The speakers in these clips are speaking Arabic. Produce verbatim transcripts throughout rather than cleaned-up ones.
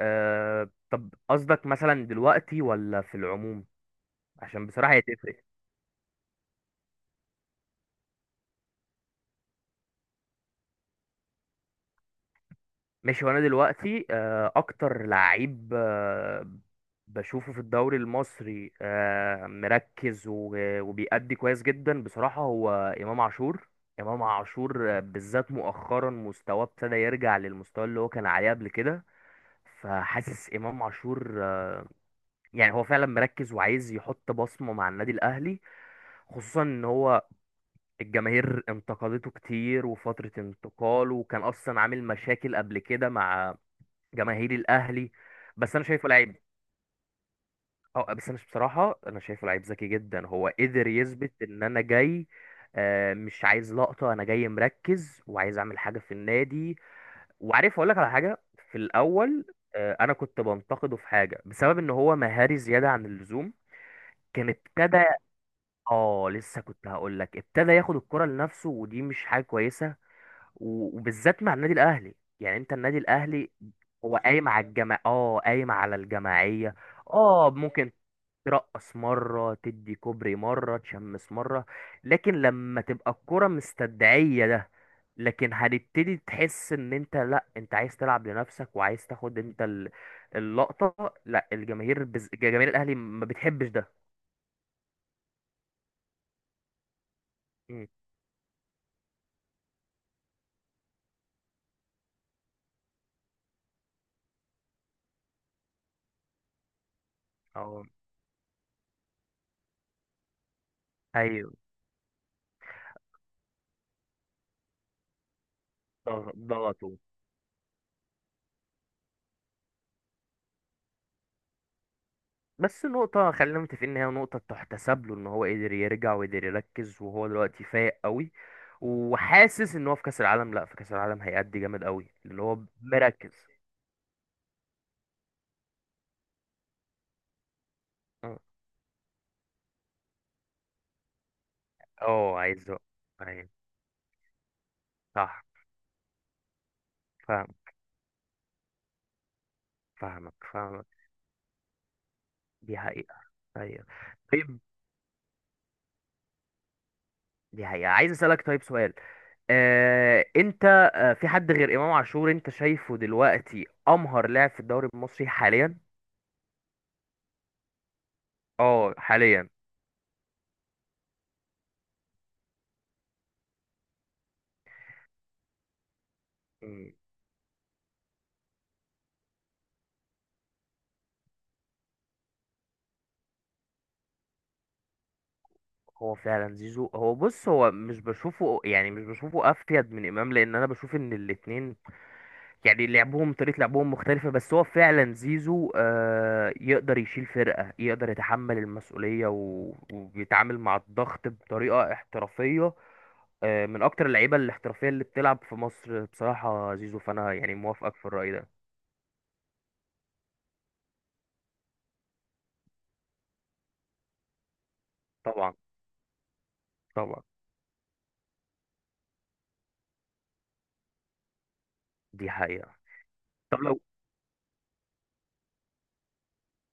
آه طب قصدك مثلا دلوقتي ولا في العموم؟ عشان بصراحة هي تفرق. ماشي، وانا دلوقتي آه اكتر لعيب آه بشوفه في الدوري المصري آه مركز و- وبيأدي كويس جدا بصراحة، هو امام عاشور. امام عاشور، آه، بالذات مؤخرا مستواه ابتدى يرجع للمستوى اللي هو كان عليه قبل كده. فحاسس امام عاشور آه، يعني هو فعلا مركز وعايز يحط بصمة مع النادي الاهلي، خصوصا ان هو الجماهير انتقدته كتير وفترة انتقاله، وكان أصلا عامل مشاكل قبل كده مع جماهير الأهلي. بس أنا شايفه لعيب. أه بس أنا بصراحة، أنا شايفه لعيب ذكي جدا، هو قدر يثبت إن أنا جاي. آه، مش عايز لقطة، أنا جاي مركز وعايز أعمل حاجة في النادي. وعارف أقول لك على حاجة؟ في الأول آه، أنا كنت بنتقده في حاجة بسبب إن هو مهاري زيادة عن اللزوم. كان ابتدى اه لسه كنت هقول لك ابتدى ياخد الكرة لنفسه، ودي مش حاجة كويسة. و- وبالذات مع النادي الاهلي، يعني انت النادي الاهلي هو قايم على الجماعة، اه قايم على الجماعية. اه ممكن ترقص مرة، تدي كوبري مرة، تشمس مرة، لكن لما تبقى الكرة مستدعية ده، لكن هنبتدي تحس ان انت لا، انت عايز تلعب لنفسك وعايز تاخد انت ال- اللقطة. لا، الجماهير بز... جماهير الاهلي ما بتحبش ده. مم. اه، ايوه، ده ده على طول. بس نقطة، خلينا متفقين إن هي نقطة تحتسب له، إن هو قدر يرجع وقدر يركز، وهو دلوقتي فايق قوي. وحاسس إن هو في كأس العالم، لأ، في كأس العالم هيأدي جامد قوي اللي هو مركز. أه أه، عايز وقت. أيوة، صح، فاهم، فاهمك، فاهمك. دي حقيقة. أيوة، طيب. دي حقيقة، عايز أسألك طيب سؤال. آه، أنت آه، في حد غير إمام عاشور أنت شايفه دلوقتي أمهر لاعب في الدوري المصري حاليا؟ أه، حاليا. هو فعلا زيزو. هو بص، هو مش بشوفه يعني مش بشوفه افيد من امام، لان انا بشوف ان الاتنين يعني لعبهم، طريقة لعبهم مختلفة. بس هو فعلا زيزو، آه يقدر يشيل فرقة، يقدر يتحمل المسؤولية، و- وبيتعامل مع الضغط بطريقة احترافية. آه من اكتر اللعيبة الاحترافية اللي بتلعب في مصر بصراحة زيزو، فانا يعني موافقك في الرأي ده. طبعا، طبعا، دي حقيقة. طب لو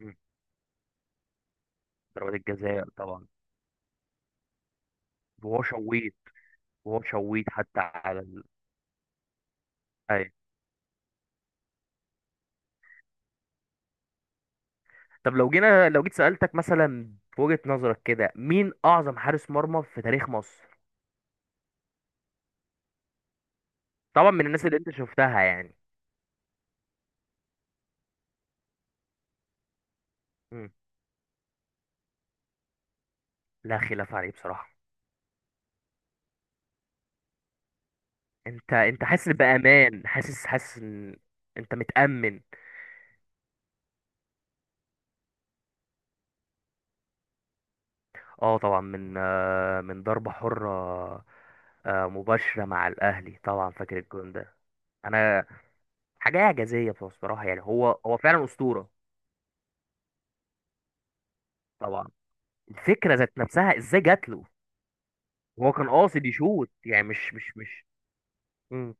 مم، ضربات الجزاء طبعا. وهو شويت، وهو شويت حتى على ال... أيوة. طب لو جينا، لو جيت سألتك مثلا في وجهة نظرك كده، مين أعظم حارس مرمى في تاريخ مصر؟ طبعا من الناس اللي أنت شفتها يعني. مم. لا خلاف عليه بصراحة. أنت أنت حاسس بأمان، حاسس حاسس إن أنت متأمن. أه، طبعا من آه، من ضربة حرة، آه، مباشرة مع الأهلي. طبعا فاكر الجون ده. أنا، حاجة إعجازية بصراحة، يعني هو هو فعلا أسطورة. طبعا. الفكرة ذات نفسها إزاي جات له؟ هو كان قاصد يشوت، يعني مش مش مش. مم.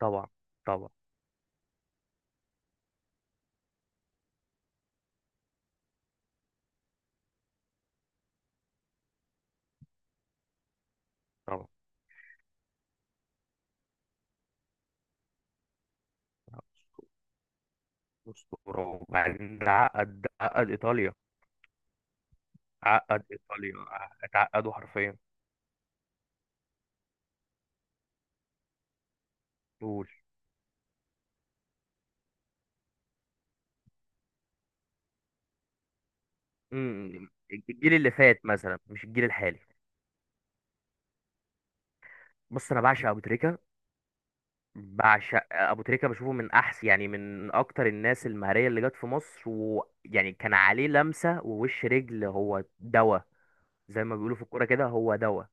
طبعا، طبعا، طبعا، أسطورة. وبعدين ده عقد، ده عقد إيطاليا، عقد إيطاليا، اتعقدوا حرفيا. قول. امم الجيل اللي فات مثلا، مش الجيل الحالي. بص، أنا بعشق أبو تريكة، بعشق أبو تريكة. بشوفه من أحسن يعني من أكتر الناس المهرية اللي جت في مصر، ويعني كان عليه لمسة ووش رجل، هو دواء. زي ما بيقولوا في الكورة كده، هو دواء.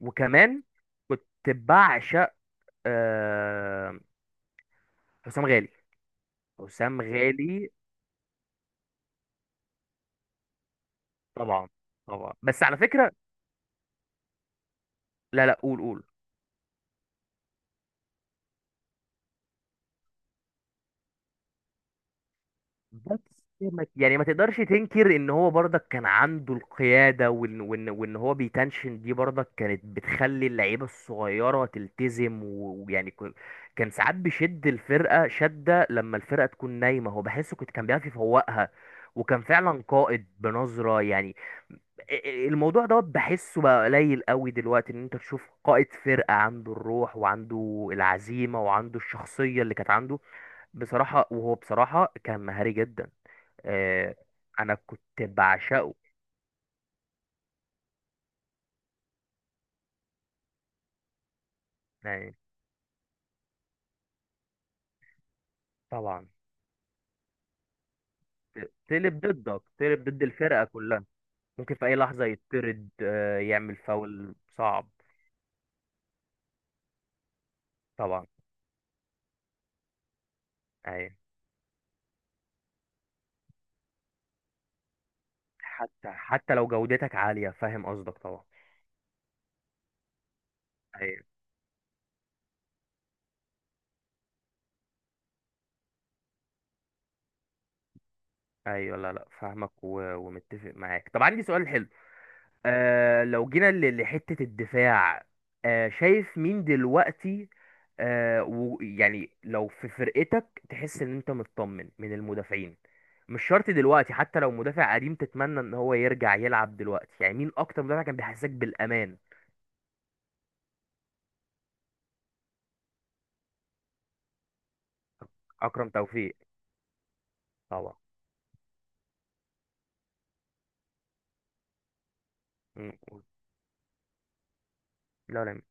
وكمان كنت بعشق آه، حسام غالي، حسام غالي. طبعا، طبعا، بس على فكرة. لا، لا، قول، قول. بس ما- يعني ما تقدرش تنكر ان هو برضك كان عنده القيادة، وان وان وان هو بيتنشن دي برضك كانت بتخلي اللعيبة الصغيرة تلتزم، و- ويعني كن- كان ساعات بيشد الفرقة شدة لما الفرقة تكون نايمة، هو بحسه كنت كان بيعرف يفوقها. وكان فعلا قائد بنظرة يعني. الموضوع دوت بحسه بقى قليل قوي دلوقتي، ان انت تشوف قائد فرقة عنده الروح وعنده العزيمة وعنده الشخصية اللي كانت عنده بصراحة. وهو بصراحة كان مهاري جدا. آه، انا كنت بعشقه. يعني طبعا، تقلب ضدك، تقلب ضد الفرقه كلها. ممكن في اي لحظه يطرد، آه، يعمل فاول صعب. طبعا، ايوه، حتى حتى لو جودتك عاليه فاهم قصدك طبعا. ايوه، ايوه، لا، لا، فاهمك، و- ومتفق معاك. طب عندي سؤال حلو. آه لو جينا ل- لحته الدفاع، آه شايف مين دلوقتي؟ آه ويعني لو في فرقتك تحس ان انت مطمن من المدافعين، مش شرط دلوقتي، حتى لو مدافع قديم تتمنى ان هو يرجع يلعب دلوقتي، يعني مين اكتر مدافع كان بيحسسك بالامان؟ اكرم توفيق طبعا. مم. لا، لا.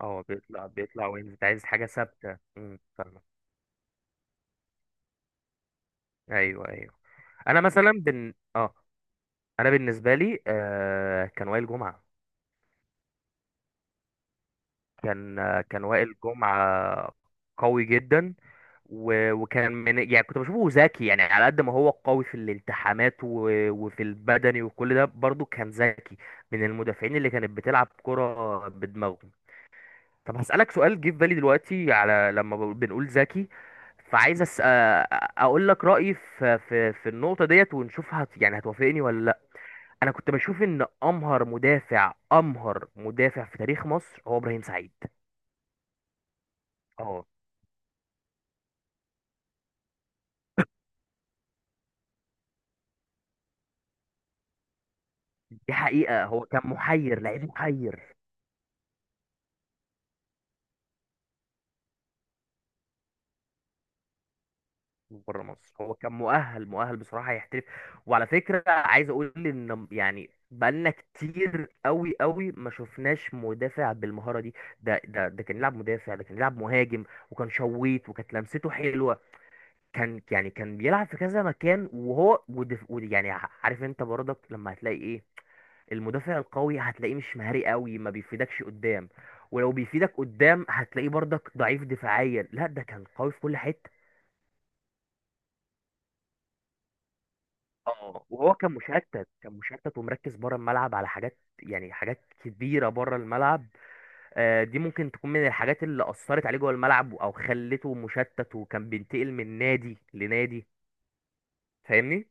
اه، بيطلع، بيطلع وينزل. أنت عايز حاجه ثابته، مم، فاهمك. ايوه، ايوه. انا مثلا بن اه انا بالنسبه لي آه كان وائل جمعه. كان آه كان وائل جمعه قوي جدا. و- وكان من يعني كنت بشوفه ذكي، يعني على قد ما هو قوي في الالتحامات و- وفي البدني وكل ده برضه كان ذكي، من المدافعين اللي كانت بتلعب كرة بدماغهم. طب هسألك سؤال جه في بالي دلوقتي على لما ب- بنقول ذكي. فعايز أس... أ- اقول لك رأيي في في في النقطة ديت ونشوف هت... يعني هتوافقني ولا لا؟ انا كنت بشوف ان امهر مدافع، امهر مدافع في تاريخ مصر هو ابراهيم سعيد. اه. دي حقيقة، هو كان محير، لعيب محير. بره مصر، هو كان مؤهل، مؤهل بصراحة، يحترف. وعلى فكرة عايز اقول ان يعني بقالنا كتير قوي قوي ما شفناش مدافع بالمهارة دي. ده ده ده كان يلعب مدافع، ده كان يلعب مهاجم. وكان شويت، وكانت لمسته حلوة. كان يعني كان بيلعب في كذا مكان. وهو ودف ود- يعني ع- عارف انت برضك لما هتلاقي ايه؟ المدافع القوي هتلاقيه مش مهاري قوي، ما بيفيدكش قدام. ولو بيفيدك قدام هتلاقيه برضك ضعيف دفاعيا. لا، ده كان قوي في كل حتة. اه، وهو كان مشتت، كان مشتت ومركز بره الملعب على حاجات يعني حاجات كبيره بره الملعب. آه، دي ممكن تكون من الحاجات اللي اثرت عليه جوه الملعب، او خلته مشتت، وكان بينتقل من نادي لنادي. فاهمني.